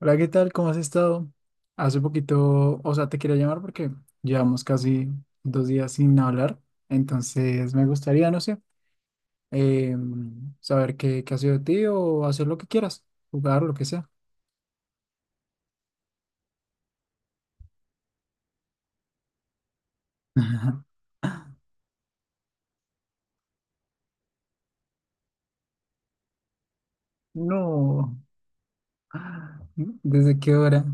Hola, ¿qué tal? ¿Cómo has estado? Hace poquito, o sea, te quería llamar porque llevamos casi 2 días sin hablar, entonces me gustaría, no sé, eh, saber qué ha sido de ti o hacer lo que quieras, jugar, lo que sea. No, ¿desde qué hora?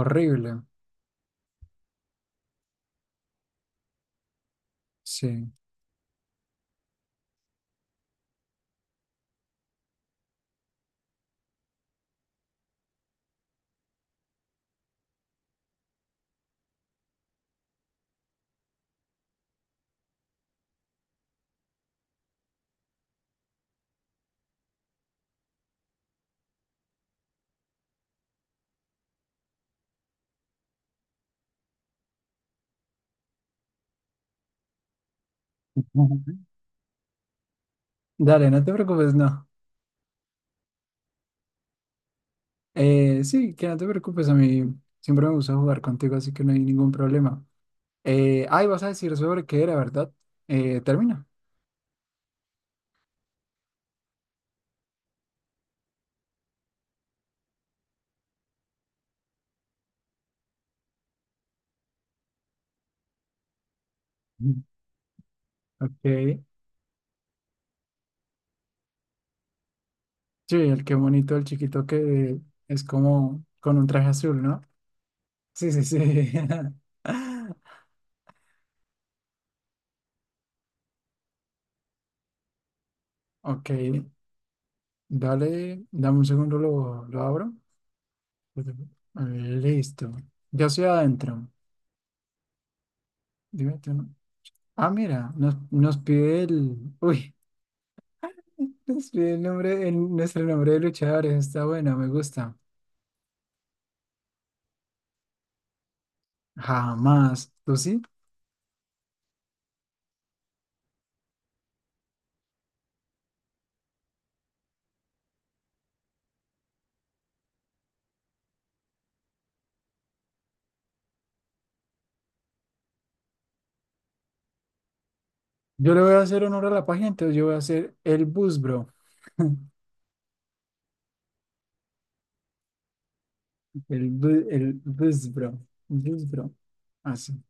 Horrible, sí. Ujú. Dale, no te preocupes, no. Sí, que no te preocupes, a mí siempre me gusta jugar contigo, así que no hay ningún problema. Ay, vas a decir sobre qué era, ¿verdad? Termina. Mm. Ok. Sí, el que bonito, el chiquito que es como con un traje azul, ¿no? Sí, sí, sí. Ok, dale, dame un segundo, lo abro. Listo. Ya estoy adentro. Dime tú, ¿no? Ah, mira, nos pide el. Uy, nos pide el nombre, nuestro nombre de luchadores. Está bueno, me gusta. Jamás. ¿Tú sí? Yo le voy a hacer honor a la página, entonces yo voy a hacer el Bus. El Buzbro. Buzbro. Así.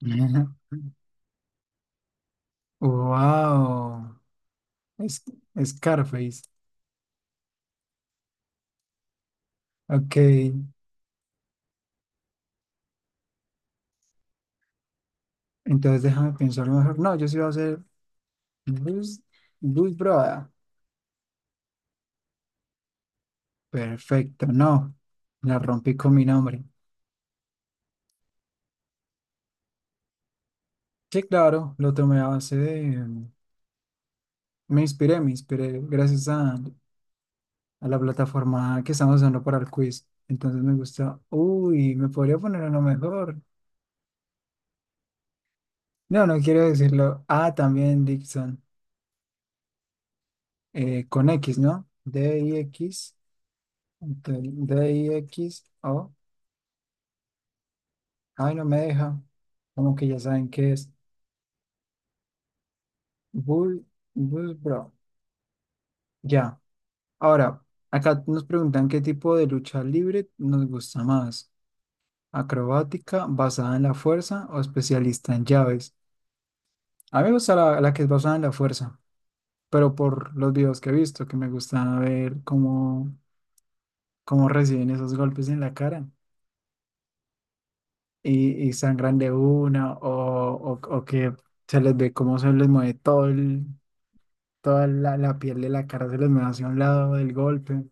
Wow. Es, Scarface. Ok. Entonces déjame pensar mejor. No, yo sí voy a hacer Bus, bus broda. Perfecto. No. La rompí con mi nombre. Sí, claro. Lo tomé a base de. Me inspiré. Gracias a la plataforma que estamos usando para el quiz. Entonces me gusta. Uy, me podría poner uno mejor. No, no quiero decirlo. Ah, también Dixon, con X, ¿no? DIX. DIX. O. Ay, no me deja. Como que ya saben qué es. Bull, Bull Bro. Ya. Ahora, acá nos preguntan qué tipo de lucha libre nos gusta más. ¿Acrobática, basada en la fuerza o especialista en llaves? A mí me gusta la que es basada en la fuerza, pero por los videos que he visto, que me gusta ver cómo, cómo reciben esos golpes en la cara. Y sangran de una o que se les ve cómo se les mueve todo el, toda la piel de la cara, se les mueve hacia un lado del golpe,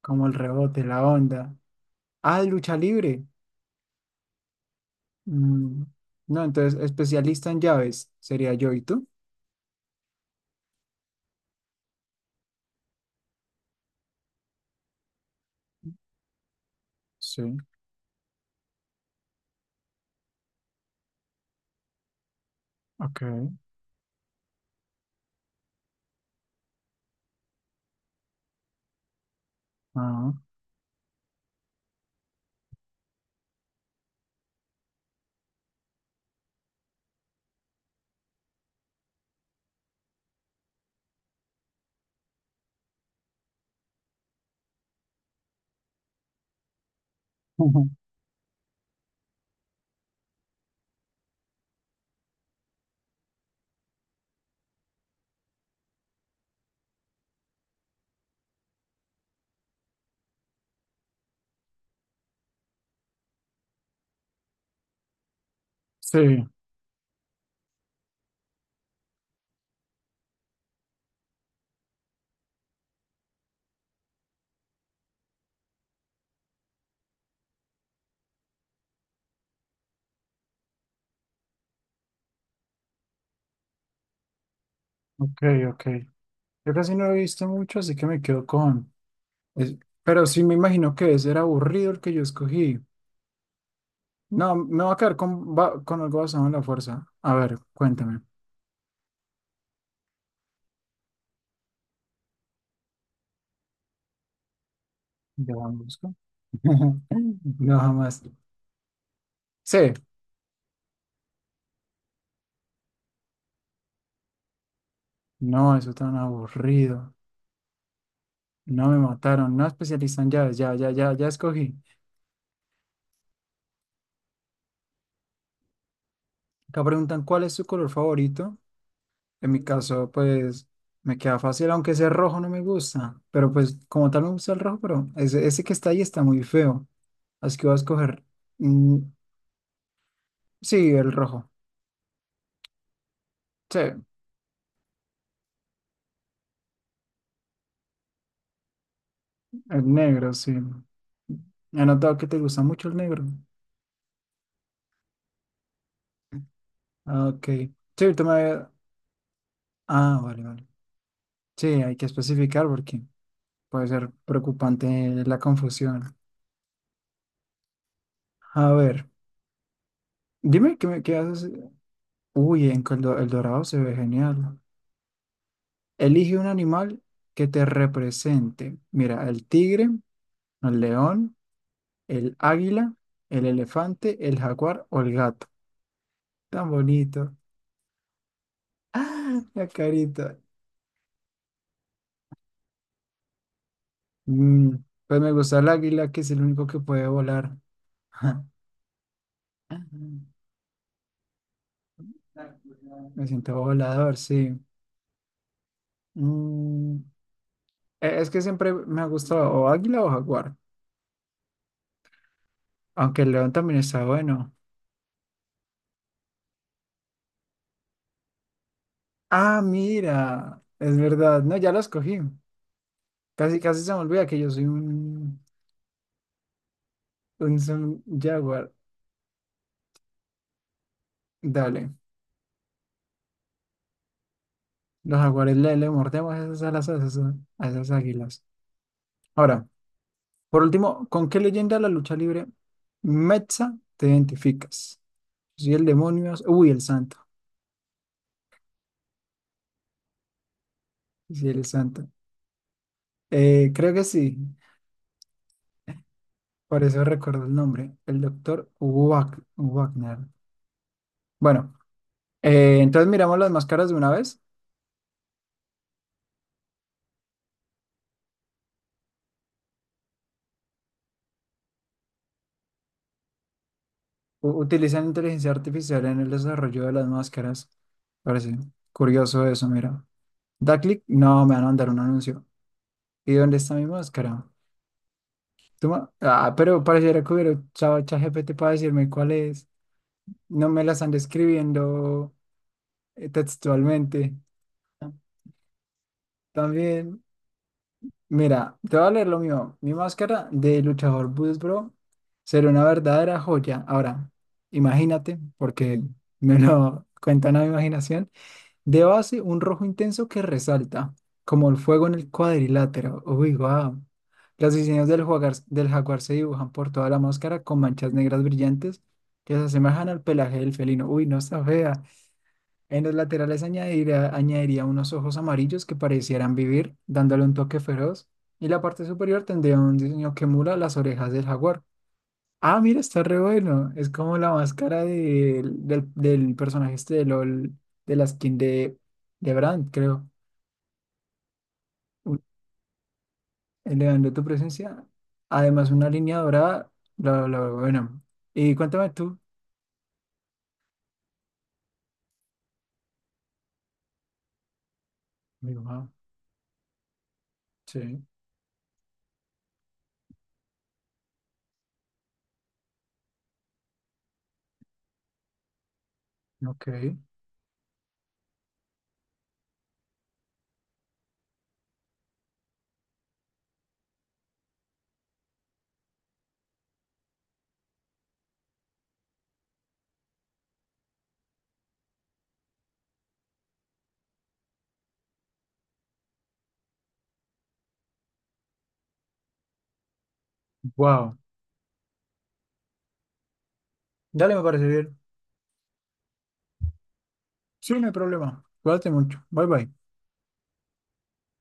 como el rebote, la onda. Ah, lucha libre. Mm, no, entonces especialista en llaves sería yo y tú. Sí, ok. Ah, ujú. Sí, ok, ok. Yo casi no he visto mucho, así que me quedo con... es- pero sí me imagino que ese era aburrido el que yo escogí. No, me va a quedar con, con algo basado en la fuerza. A ver, cuéntame. ¿Ya vamos? No, jamás. Sí. No, eso tan aburrido. No me mataron. No especializan llaves. Ya escogí. Acá preguntan cuál es tu color favorito. En mi caso, pues me queda fácil, aunque ese rojo no me gusta. Pero pues como tal me gusta el rojo, pero ese que está ahí está muy feo. Así que voy a escoger. Mm, sí, el rojo. Sí, el negro, sí. He notado que te gusta mucho el negro. Ah, ok. Sí, ahorita me- Ah, vale, vale. Sí, hay que especificar porque puede ser preocupante la confusión. A ver, dime qué, qué haces. Uy, en el, el dorado se ve genial. Elige un animal que te represente. Mira, el tigre, el león, el águila, el elefante, el jaguar o el gato. Tan bonito. Ah, la carita. Mm, pues me gusta el águila, que es el único que puede volar. Me siento volador, sí. Mm, es que siempre me ha gustado o águila o jaguar, aunque el león también está bueno. Ah, mira, es verdad. No, ya lo escogí. Casi, casi se me olvida que yo soy un, un jaguar. Dale, los jaguares le mordemos esas alas a esas águilas. Ahora, por último, ¿con qué leyenda de la lucha libre mexa te identificas? Si el demonio, uy, el santo. Si el santo. Creo que sí. Por eso recuerdo el nombre, el doctor Wagner. Bueno, entonces miramos las máscaras de una vez. Utilizan inteligencia artificial en el desarrollo de las máscaras. Parece curioso eso, mira. Da clic, no, me van a mandar un anuncio. ¿Y dónde está mi máscara? Ah, pero pareciera que hubiera usado ChatGPT para decirme cuál es. No me la están describiendo textualmente. También. Mira, te voy a leer lo mío. Mi máscara de luchador Boots Bro será una verdadera joya. Ahora, imagínate, porque me lo cuentan a mi imaginación. De base, un rojo intenso que resalta, como el fuego en el cuadrilátero. Uy, guau. Los diseños del jaguar se dibujan por toda la máscara con manchas negras brillantes que se asemejan al pelaje del felino. Uy, no está fea. En los laterales añadiría unos ojos amarillos que parecieran vivir, dándole un toque feroz. Y la parte superior tendría un diseño que emula las orejas del jaguar. Ah, mira, está re bueno. Es como la máscara del personaje este de LOL, de la skin de Brand, creo. Un- Elevando tu presencia. Además, una línea dorada. Bla, bla, bla, bueno. Y cuéntame tú. Digo, ah, sí, ok. Wow. Dale, me parece bien. Sí, no hay problema. Cuídate mucho. Bye, bye.